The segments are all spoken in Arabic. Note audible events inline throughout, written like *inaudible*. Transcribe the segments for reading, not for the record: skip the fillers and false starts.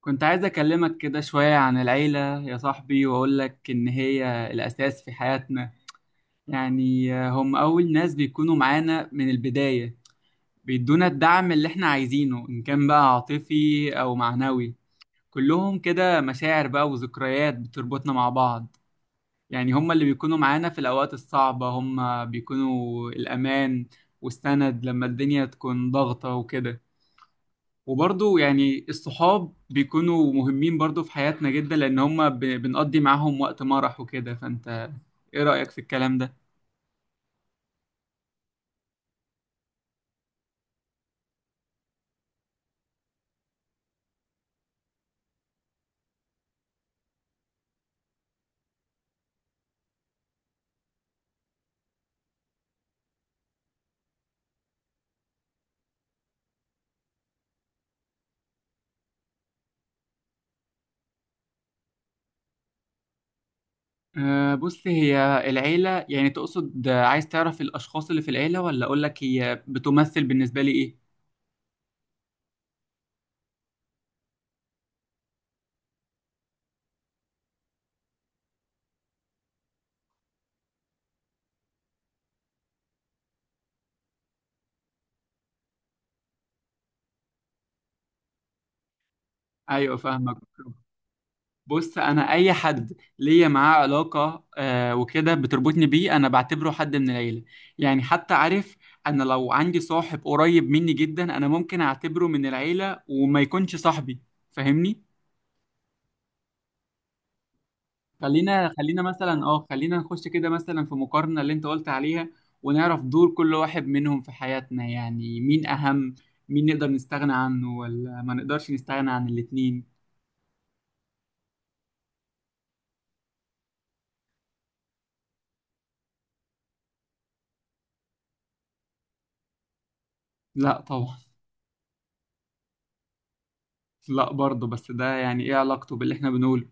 كنت عايز أكلمك كده شوية عن العيلة يا صاحبي، وأقول لك إن هي الأساس في حياتنا. يعني هم أول ناس بيكونوا معانا من البداية، بيدونا الدعم اللي إحنا عايزينه، إن كان بقى عاطفي أو معنوي. كلهم كده مشاعر بقى وذكريات بتربطنا مع بعض. يعني هم اللي بيكونوا معانا في الأوقات الصعبة، هم بيكونوا الأمان والسند لما الدنيا تكون ضغطة وكده. وبرضو يعني الصحاب بيكونوا مهمين برضو في حياتنا جدا، لأن هما بنقضي معاهم وقت مرح وكده. فأنت إيه رأيك في الكلام ده؟ أه، بص، هي العيلة يعني تقصد عايز تعرف الأشخاص اللي في العيلة، ولا أقولك هي بتمثل بالنسبة لي إيه؟ أيوة، فاهمك. بص، انا اي حد ليا معاه علاقه وكده بتربطني بيه، انا بعتبره حد من العيله. يعني حتى عارف، انا لو عندي صاحب قريب مني جدا، انا ممكن اعتبره من العيله وما يكونش صاحبي. فاهمني. خلينا مثلا، خلينا نخش كده مثلا في مقارنه اللي انت قلت عليها، ونعرف دور كل واحد منهم في حياتنا. يعني مين اهم، مين نقدر نستغنى عنه، ولا ما نقدرش نستغنى عن الاتنين. لا طبعا. لا برضه، بس ده يعني ايه علاقته باللي احنا بنقوله؟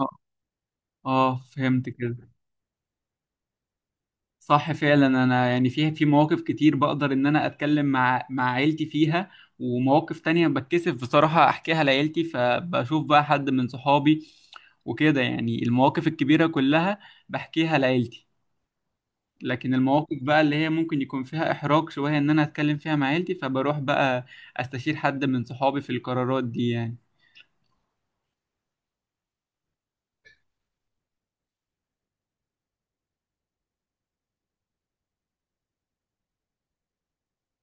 آه. اه، فهمت كده. صح فعلا، انا يعني فيها في مواقف كتير بقدر ان انا اتكلم مع عيلتي فيها، ومواقف تانية بتكسف بصراحة احكيها لعيلتي فبشوف بقى حد من صحابي وكده. يعني المواقف الكبيرة كلها بحكيها لعيلتي، لكن المواقف بقى اللي هي ممكن يكون فيها احراج شوية ان انا اتكلم فيها مع عيلتي، فبروح بقى استشير حد من صحابي في القرارات دي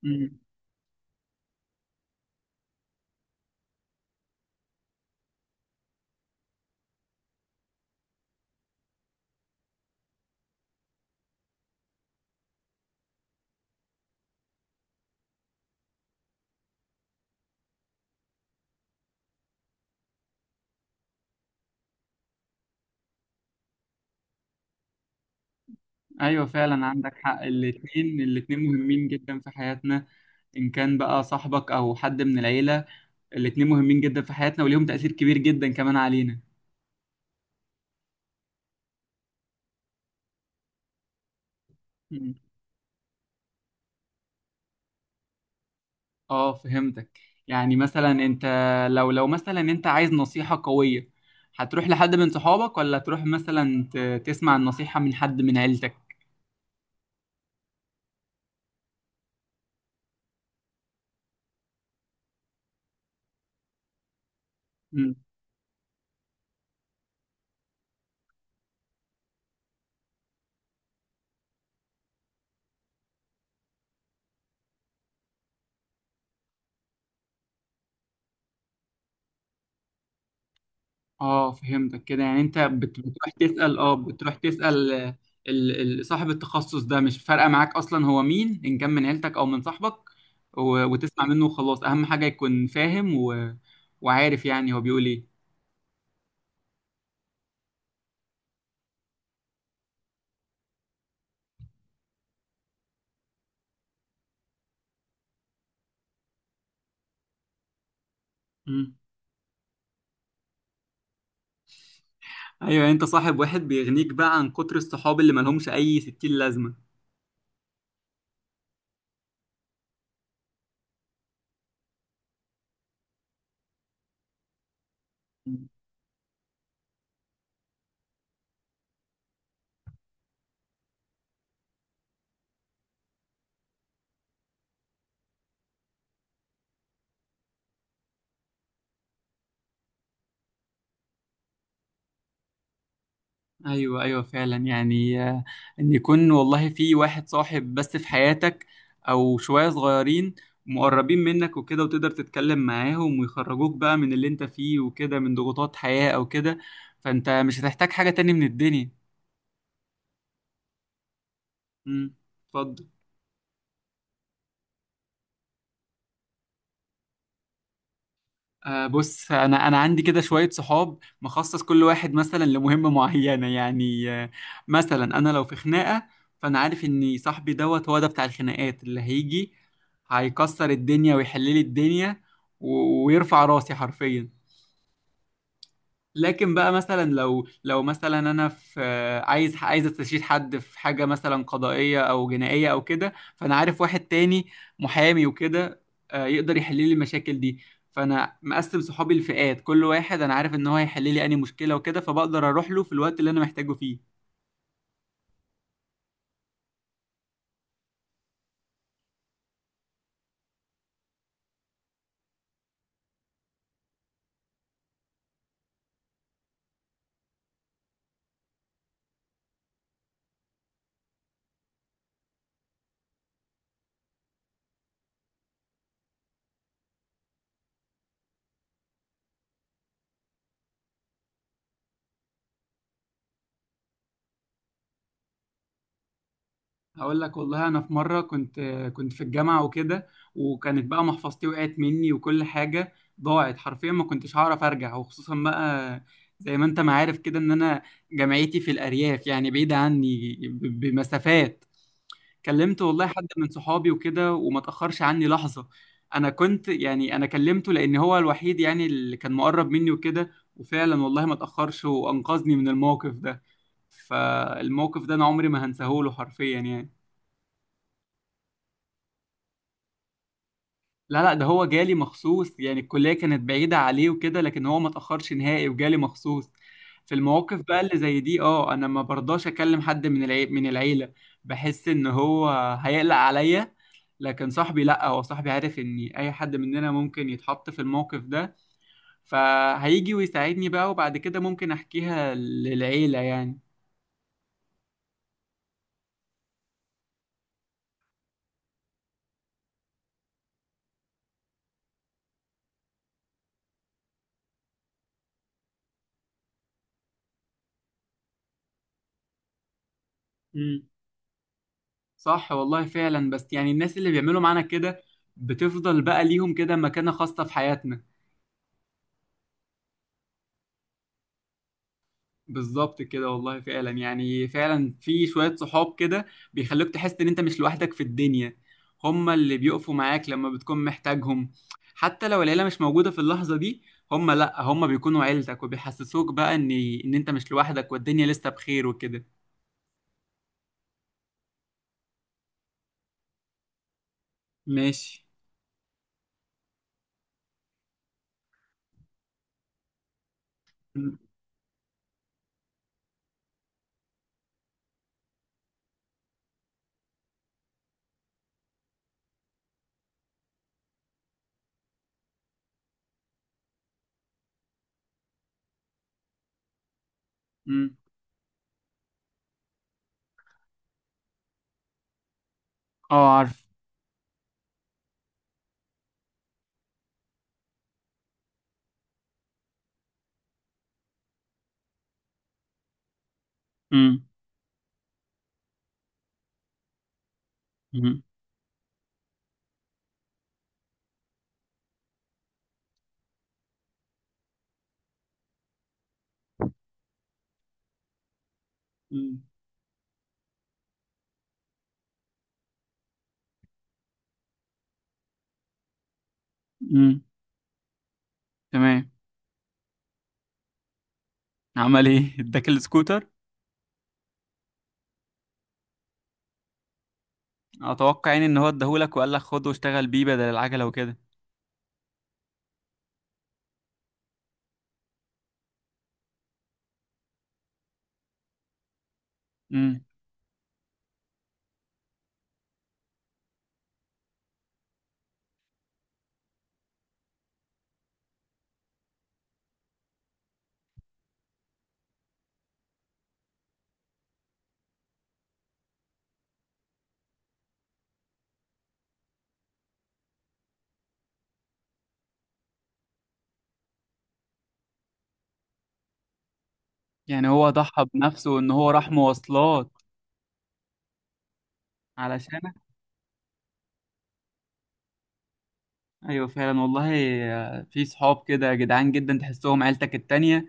يعني. ايوه فعلا، عندك حق، الاتنين الاتنين مهمين جدا في حياتنا، ان كان بقى صاحبك او حد من العيلة. الاتنين مهمين جدا في حياتنا وليهم تأثير كبير جدا كمان علينا. مم. اه، فهمتك. يعني مثلا انت، لو مثلا انت عايز نصيحة قوية، هتروح لحد من صحابك ولا تروح مثلا تسمع النصيحة من حد من عيلتك؟ اه، فهمتك كده. يعني انت بتروح تسأل، صاحب التخصص ده مش فارقة معاك اصلا هو مين، ان كان من عيلتك او من صاحبك، وتسمع منه وخلاص. اهم حاجة يكون فاهم و... وعارف يعني هو بيقول ايه. مم. ايوه، يعني انت صاحب واحد بيغنيك بقى عن كتر الصحاب اللي ملهمش اي ستين لازمة. ايوه ايوه فعلا، يعني ان يكون والله في واحد صاحب بس في حياتك، او شويه صغيرين مقربين منك وكده، وتقدر تتكلم معاهم ويخرجوك بقى من اللي انت فيه وكده، من ضغوطات حياه او كده، فانت مش هتحتاج حاجه تاني من الدنيا. امم. اتفضل. بص، انا عندي كده شويه صحاب مخصص، كل واحد مثلا لمهمه *laughs* معينه. يعني آه، مثلا انا لو في خناقه، فانا عارف ان صاحبي دوت هو ده بتاع الخناقات، اللي هيجي هيكسر الدنيا ويحل لي الدنيا، ويرفع راسي حرفيا. لكن بقى مثلا، لو مثلا انا في، عايز استشير حد في حاجه مثلا قضائيه او جنائيه او كده، فانا عارف واحد تاني محامي وكده، آه، يقدر يحل لي المشاكل دي. فانا مقسم صحابي لفئات، كل واحد انا عارف ان هو هيحل لي اني مشكله وكده، فبقدر اروح له في الوقت اللي انا محتاجه فيه. هقول لك والله، انا في مره كنت، كنت في الجامعه وكده، وكانت بقى محفظتي وقعت مني وكل حاجه ضاعت حرفيا، ما كنتش هعرف ارجع، وخصوصا بقى زي ما انت ما عارف كده ان انا جامعتي في الارياف يعني بعيده عني بمسافات. كلمت والله حد من صحابي وكده، وما تاخرش عني لحظه. انا كنت يعني انا كلمته لان هو الوحيد يعني اللي كان مقرب مني وكده، وفعلا والله ما تاخرش وانقذني من الموقف ده. فالموقف ده انا عمري ما هنساهوله حرفيا يعني. لا لا، ده هو جالي مخصوص يعني، الكلية كانت بعيدة عليه وكده، لكن هو ما تأخرش نهائي وجالي مخصوص. في المواقف بقى اللي زي دي، اه، انا ما برضاش اكلم حد من من العيلة. بحس ان هو هيقلق عليا. لكن صاحبي لا، هو صاحبي عارف ان اي حد مننا ممكن يتحط في الموقف ده، فهيجي ويساعدني بقى، وبعد كده ممكن احكيها للعيلة يعني. امم. صح والله فعلا، بس يعني الناس اللي بيعملوا معانا كده بتفضل بقى ليهم كده مكانة خاصة في حياتنا. بالظبط كده والله، فعلا يعني، فعلا في شوية صحاب كده بيخلوك تحس ان انت مش لوحدك في الدنيا، هما اللي بيقفوا معاك لما بتكون محتاجهم، حتى لو العيلة مش موجودة في اللحظة دي. هما لا، هما بيكونوا عيلتك وبيحسسوك بقى ان ان انت مش لوحدك والدنيا لسه بخير وكده. ماشي. م- م- اه، عارف. امم. امم. م. امم. تمام. عمل ايه *laughs* اداك السكوتر؟ اتوقع يعني ان هو اداهولك وقال لك خد واشتغل بيه بدل العجله وكده. يعني هو ضحى بنفسه ان هو راح مواصلات علشانك. ايوه فعلا والله، آه، في صحاب كده جدعان جدا تحسهم عيلتك التانية.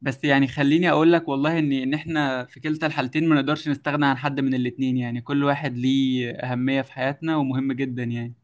بس يعني خليني اقول لك والله ان ان احنا في كلتا الحالتين ما نقدرش نستغنى عن حد من الاتنين. يعني كل واحد ليه اهمية في حياتنا ومهم جدا يعني.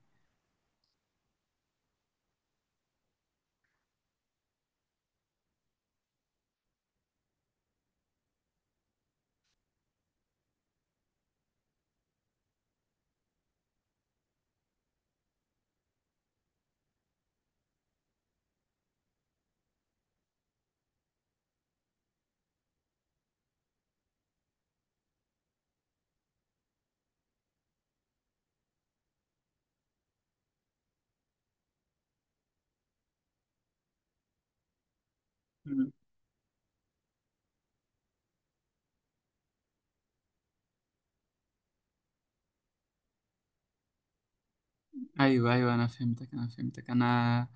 ايوه ايوه، انا فهمتك. انا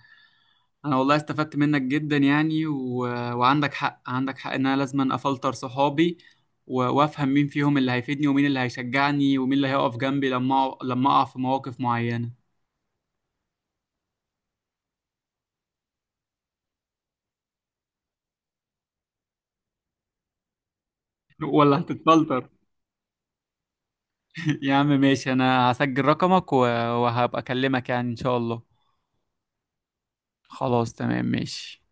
انا والله استفدت منك جدا يعني و... وعندك حق، عندك حق ان انا لازم افلتر صحابي و... وافهم مين فيهم اللي هيفيدني، ومين اللي هيشجعني، ومين اللي هيقف جنبي لما لما اقع في مواقف معينة. ولا هتتفلتر. *laughs* يا عم ماشي، انا هسجل رقمك و... وهبقى اكلمك يعني ان شاء الله. خلاص تمام. ماشي.